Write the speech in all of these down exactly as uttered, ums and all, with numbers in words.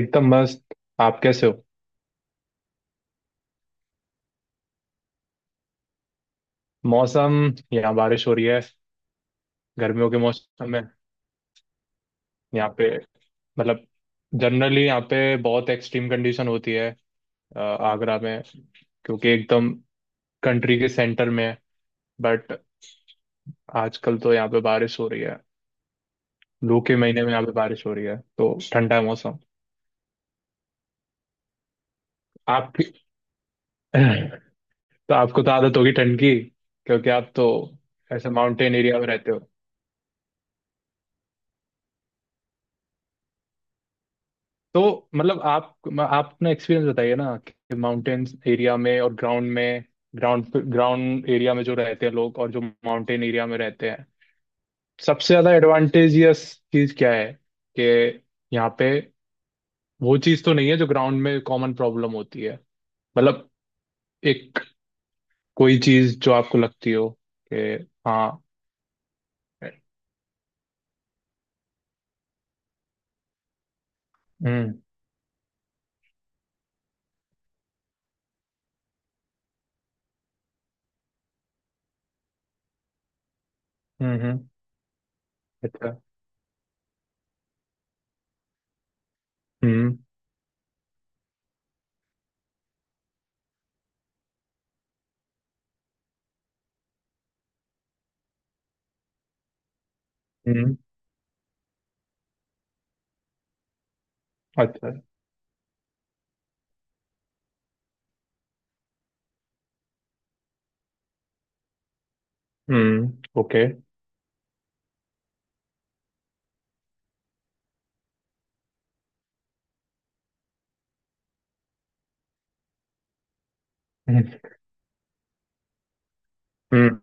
एकदम मस्त। आप कैसे हो? मौसम, यहाँ बारिश हो रही है गर्मियों के मौसम में। यहाँ पे मतलब जनरली यहाँ पे बहुत एक्सट्रीम कंडीशन होती है अ, आगरा में, क्योंकि एकदम कंट्री के सेंटर में है। बट आजकल तो यहाँ पे बारिश हो रही है। लू के महीने में यहाँ पे बारिश हो रही है तो ठंडा है मौसम। आपकी तो आपको तो आदत होगी ठंड की, क्योंकि आप तो ऐसे माउंटेन एरिया में रहते हो। तो मतलब आप आप अपना एक्सपीरियंस बताइए ना कि माउंटेन्स एरिया में और ग्राउंड में, ग्राउंड ग्राउंड एरिया में जो रहते हैं लोग और जो माउंटेन एरिया में रहते हैं, सबसे ज्यादा एडवांटेजियस चीज क्या है कि यहाँ पे वो चीज तो नहीं है जो ग्राउंड में कॉमन प्रॉब्लम होती है। मतलब एक कोई चीज जो आपको लगती हो, कि हाँ। हम्म हम्म। हम्म, अच्छा। हम्म हम्म। अच्छा। हम्म। ओके। हम्म हम्म,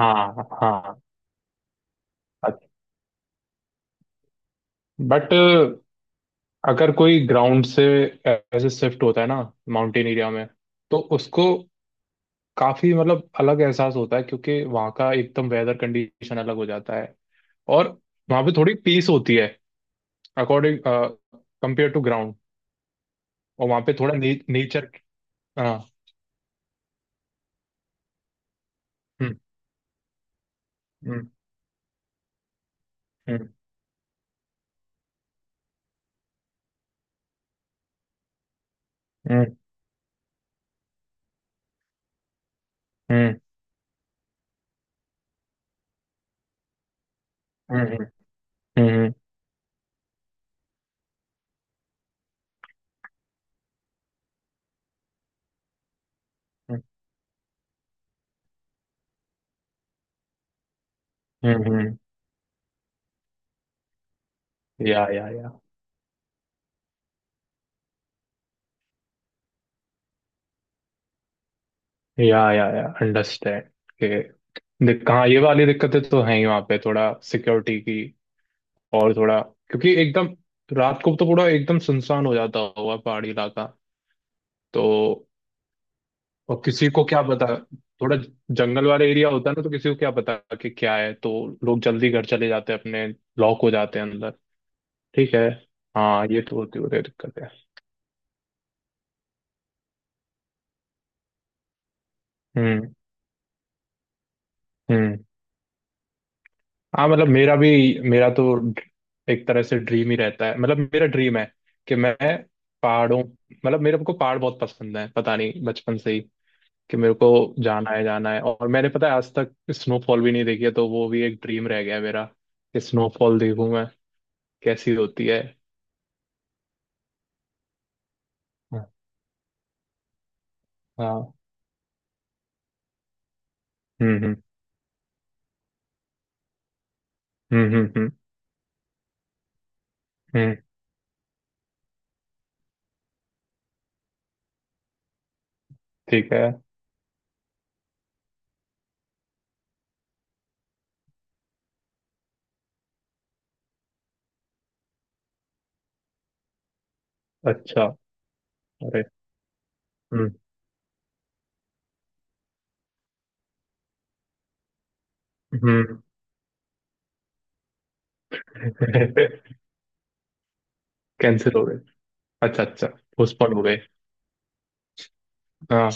हाँ हाँ। अच्छा। बट अगर कोई ग्राउंड से ऐसे शिफ्ट होता है ना माउंटेन एरिया में, तो उसको काफी मतलब अलग एहसास होता है क्योंकि वहाँ का एकदम वेदर कंडीशन अलग हो जाता है। और वहाँ पे थोड़ी पीस होती है, अकॉर्डिंग, कंपेयर टू ग्राउंड। और वहाँ पे थोड़ा ने, नेचर। हाँ। हम्म हम्म हम्म हम्म हम्म हम्म हम्म हम्म हम्म हम्म, हम्म, हम्म। या या या या या या अंडरस्टैंड के। दिक- हाँ ये वाली दिक्कतें तो हैं ही वहाँ पे, थोड़ा सिक्योरिटी की और थोड़ा, क्योंकि एकदम रात को तो पूरा एकदम सुनसान हो जाता होगा पहाड़ी इलाका। तो और किसी को क्या पता, थोड़ा जंगल वाला एरिया होता है ना तो किसी को क्या पता कि क्या है, तो लोग जल्दी घर चले जाते हैं अपने, लॉक हो जाते हैं अंदर। ठीक है। हाँ ये तो होती होती दिक्कत है। हम्म हम्म। हाँ मतलब मेरा भी, मेरा तो एक तरह से ड्रीम ही रहता है, मतलब मेरा ड्रीम है कि मैं पहाड़ों, मतलब मेरे को पहाड़ बहुत पसंद है पता नहीं बचपन से ही, कि मेरे को जाना है जाना है। और मैंने पता है आज तक स्नोफॉल भी नहीं देखी है तो वो भी एक ड्रीम रह गया है मेरा कि स्नोफॉल देखूं मैं, कैसी होती है। हाँ। हम्म हम्म हम्म हम्म हम्म हम्म, ठीक है। अच्छा। अरे। हम्म हम्म। कैंसिल हो गए? अच्छा अच्छा। पोस्टपोन हो गए। हाँ।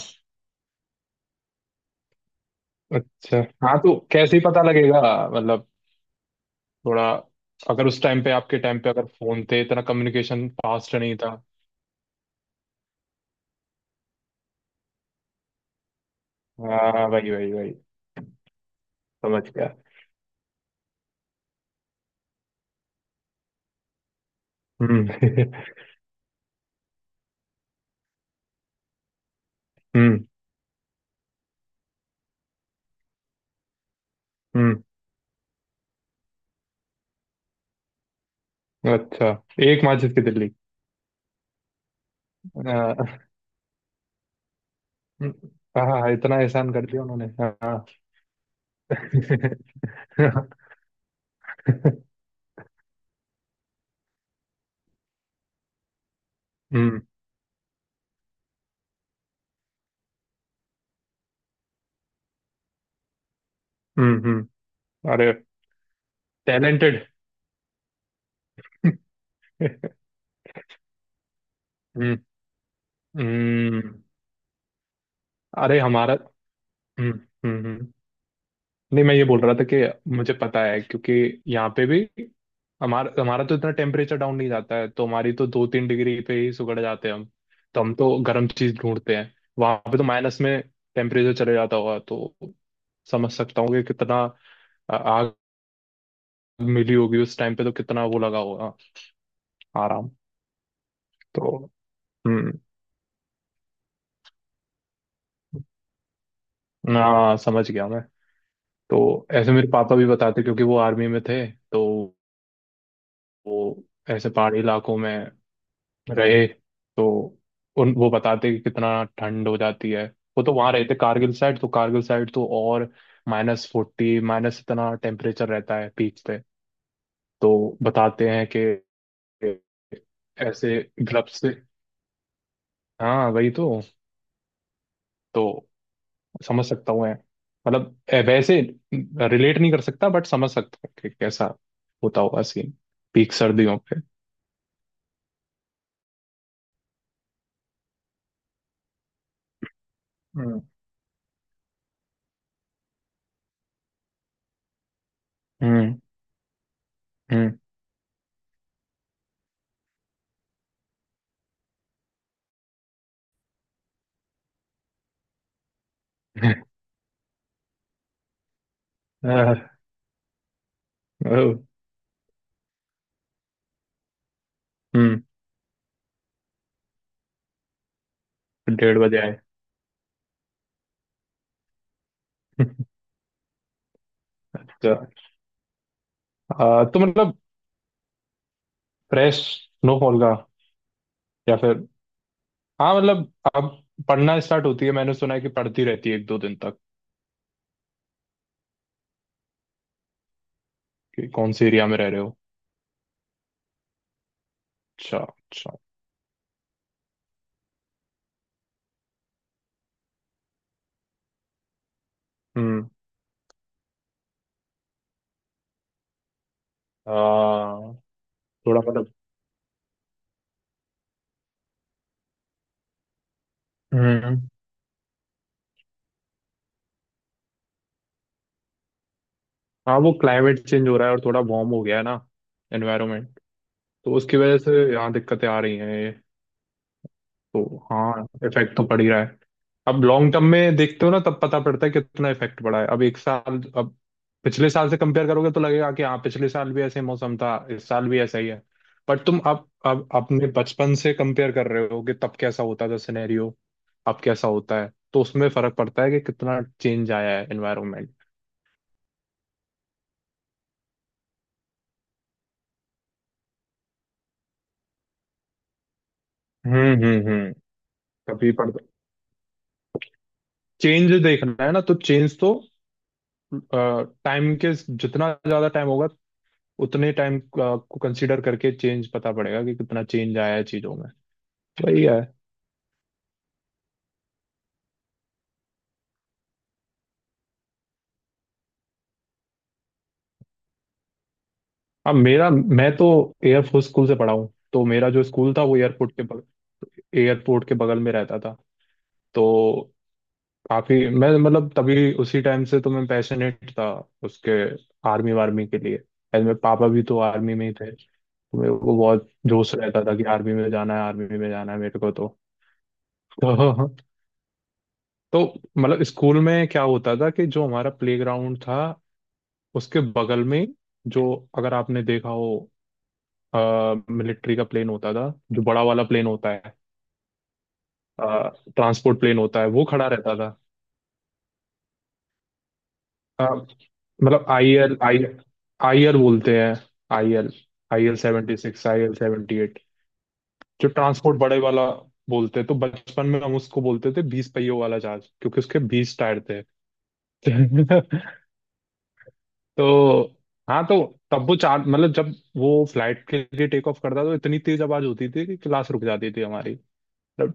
अच्छा। हाँ तो कैसे ही पता लगेगा, मतलब थोड़ा, अगर उस टाइम पे आपके टाइम पे अगर फोन थे, इतना कम्युनिकेशन फास्ट नहीं था। हाँ वही वही वही, समझ गया। हम्म। हम्म हम्म। अच्छा, एक माचिस की तिल्ली। हाँ हाँ, इतना एहसान कर दिया उन्होंने, हाँ। हम्म हम्म हम्म। अरे। टैलेंटेड। हम्म हम्म। अरे हमारा। हम्म हम्म हम्म। नहीं मैं ये बोल रहा था कि मुझे पता है, क्योंकि यहाँ पे भी हमारा हमारा तो इतना टेम्परेचर डाउन नहीं जाता है तो हमारी तो दो तीन डिग्री पे ही सुगड़ जाते हैं हम। तो हम तो गर्म चीज ढूंढते हैं। वहां पे तो माइनस में टेम्परेचर चले जाता होगा, तो समझ सकता हूँ कि कितना आ- आग मिली होगी उस टाइम पे, तो कितना वो लगा होगा आराम। तो हम्म। हाँ समझ गया मैं। तो ऐसे मेरे पापा भी बताते, क्योंकि वो आर्मी में थे। तो वो ऐसे पहाड़ी इलाकों में रहे, तो उन वो बताते कि कितना ठंड हो जाती है। वो तो वहां रहते कारगिल साइड, तो कारगिल साइड तो और माइनस फोर्टी माइनस इतना टेम्परेचर रहता है पीक पे। तो बताते हैं कि ऐसे ग्लव्स से, हाँ वही तो तो समझ सकता हूँ मैं, मतलब ए, वैसे रिलेट नहीं कर सकता बट समझ सकता हूँ कि कैसा होता होगा सीन पीक सर्दियों पे। हम्म हम्म हम्म। आह, ओह, हम्म। डेढ़ बजे आए? अच्छा। आ, तो मतलब फ्रेश स्नोफॉल का, या फिर हाँ मतलब अब पढ़ना स्टार्ट होती है, मैंने सुना है कि पढ़ती रहती है एक दो दिन तक, कि कौन से एरिया में रह रहे हो। अच्छा अच्छा। हम्म। आ, थोड़ा मतलब। हम्म। हाँ वो क्लाइमेट चेंज हो रहा है और थोड़ा वार्म हो गया है ना एनवायरनमेंट, तो उसकी वजह से यहाँ दिक्कतें आ रही हैं। तो हाँ इफेक्ट तो पड़ ही रहा है। अब लॉन्ग टर्म में देखते हो ना तब पता पड़ता है कितना इफेक्ट पड़ा है। अब एक साल, अब पिछले साल से कंपेयर करोगे तो लगेगा कि हाँ पिछले साल भी ऐसे मौसम था इस साल भी ऐसा ही है, बट तुम अब अब अपने बचपन से कंपेयर कर रहे हो कि तब कैसा होता था सिनेरियो, अब कैसा होता है, तो उसमें फर्क पड़ता है कि कितना चेंज आया है एनवायरमेंट। हम्म हम्म हम्म। तभी पड़ता, चेंज देखना है ना तो चेंज तो टाइम के, जितना ज्यादा टाइम होगा उतने टाइम को कंसीडर करके चेंज पता पड़ेगा कि कितना चेंज आया है चीजों में। वही है। अब मेरा, मैं तो एयरफोर्स स्कूल से पढ़ा हूँ तो मेरा जो स्कूल था वो एयरपोर्ट के बगल, एयरपोर्ट के बगल में रहता था। तो काफी मैं मतलब तभी उसी टाइम से तो मैं पैशनेट था उसके, आर्मी वार्मी के लिए। एंड मेरे पापा भी तो आर्मी में ही थे तो मेरे को बहुत जोश रहता था कि आर्मी में जाना है आर्मी में जाना है मेरे को तो। तो, तो मतलब स्कूल में क्या होता था कि जो हमारा प्लेग्राउंड था उसके बगल में जो, अगर आपने देखा हो, मिलिट्री का प्लेन होता था, जो बड़ा वाला प्लेन होता है, ट्रांसपोर्ट प्लेन होता है वो खड़ा रहता था। अ, मतलब I L I I L बोलते हैं, I L, I L seventy six, I L seventy eight, जो ट्रांसपोर्ट बड़े वाला बोलते हैं। तो बचपन में हम उसको बोलते थे बीस पहियों वाला जहाज, क्योंकि उसके बीस टायर थे। तो हाँ, तो तब वो चार मतलब जब वो फ्लाइट के लिए टेक ऑफ करता तो इतनी तेज आवाज होती थी कि क्लास रुक जाती थी हमारी। मतलब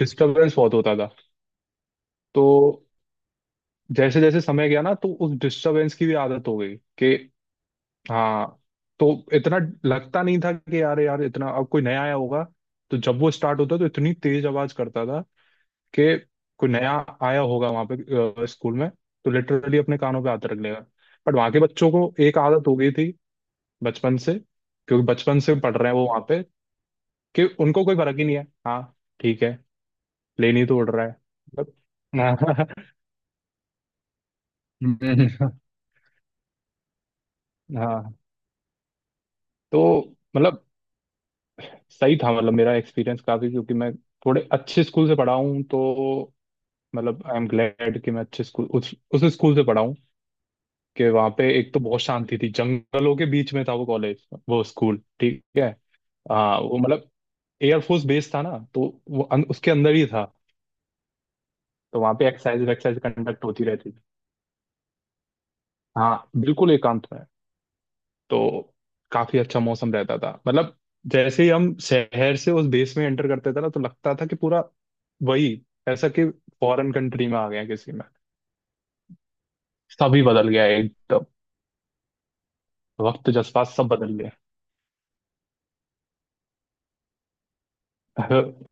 डिस्टरबेंस बहुत होता था। तो जैसे जैसे समय गया ना तो उस डिस्टरबेंस की भी आदत हो गई, कि हाँ, तो इतना लगता नहीं था कि यार यार इतना, अब कोई नया आया होगा तो जब वो स्टार्ट होता तो इतनी तेज आवाज करता था कि कोई नया आया होगा वहां पे स्कूल में, तो लिटरली अपने कानों पे हाथ रख लेगा। बट वहां के बच्चों को एक आदत हो गई थी बचपन से, क्योंकि बचपन से पढ़ रहे हैं वो वहां पे, कि उनको कोई फर्क ही नहीं है। हाँ ठीक है, प्लेन ही तो उड़ रहा है मतलब। हाँ हाँ, तो मतलब सही था, मतलब मेरा एक्सपीरियंस काफी, क्योंकि मैं थोड़े अच्छे स्कूल से पढ़ा हूँ। तो मतलब आई एम ग्लैड कि मैं अच्छे स्कूल उस उस स्कूल से पढ़ा हूँ, कि वहाँ पे एक तो बहुत शांति थी, जंगलों के बीच में था वो कॉलेज वो स्कूल। ठीक है, हाँ वो मतलब एयरफोर्स बेस था ना तो वो अन, उसके अंदर ही था। तो वहाँ पे एक्सरसाइज एक्सरसाइज कंडक्ट होती रहती। हाँ बिल्कुल एकांत में। तो काफी अच्छा मौसम रहता था मतलब। जैसे ही हम शहर से उस देश में एंटर करते थे ना तो लगता था कि पूरा वही ऐसा कि फॉरेन कंट्री में आ गए हैं किसी में, सभी बदल गया है एकदम, वक्त जज्बात सब बदल गए।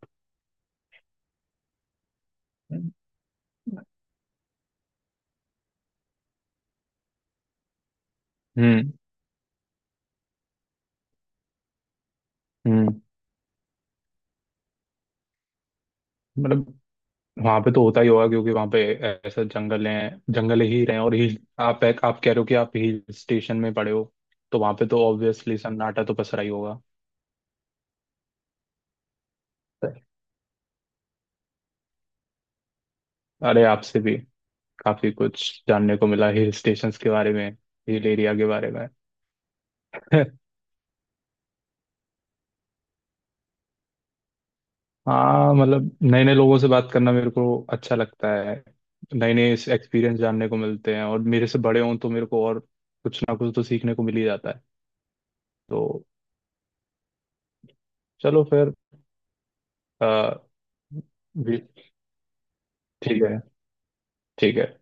हम्म हम्म। मतलब वहां पे तो होता ही होगा, क्योंकि वहां पे ऐसा जंगल है, जंगल ही रहे हैं, और हिल, आप आप कह रहे हो कि आप हिल स्टेशन में पड़े हो, तो वहां पे तो ऑब्वियसली सन्नाटा तो पसरा ही होगा। अरे, आपसे भी काफी कुछ जानने को मिला हिल स्टेशंस के बारे में, हिल एरिया के बारे में। हाँ मतलब नए नए लोगों से बात करना मेरे को अच्छा लगता है, नए नए एक्सपीरियंस जानने को मिलते हैं और मेरे से बड़े हों तो मेरे को और कुछ ना कुछ तो सीखने को मिल ही जाता है। तो चलो फिर अ, भी- ठीक है ठीक है।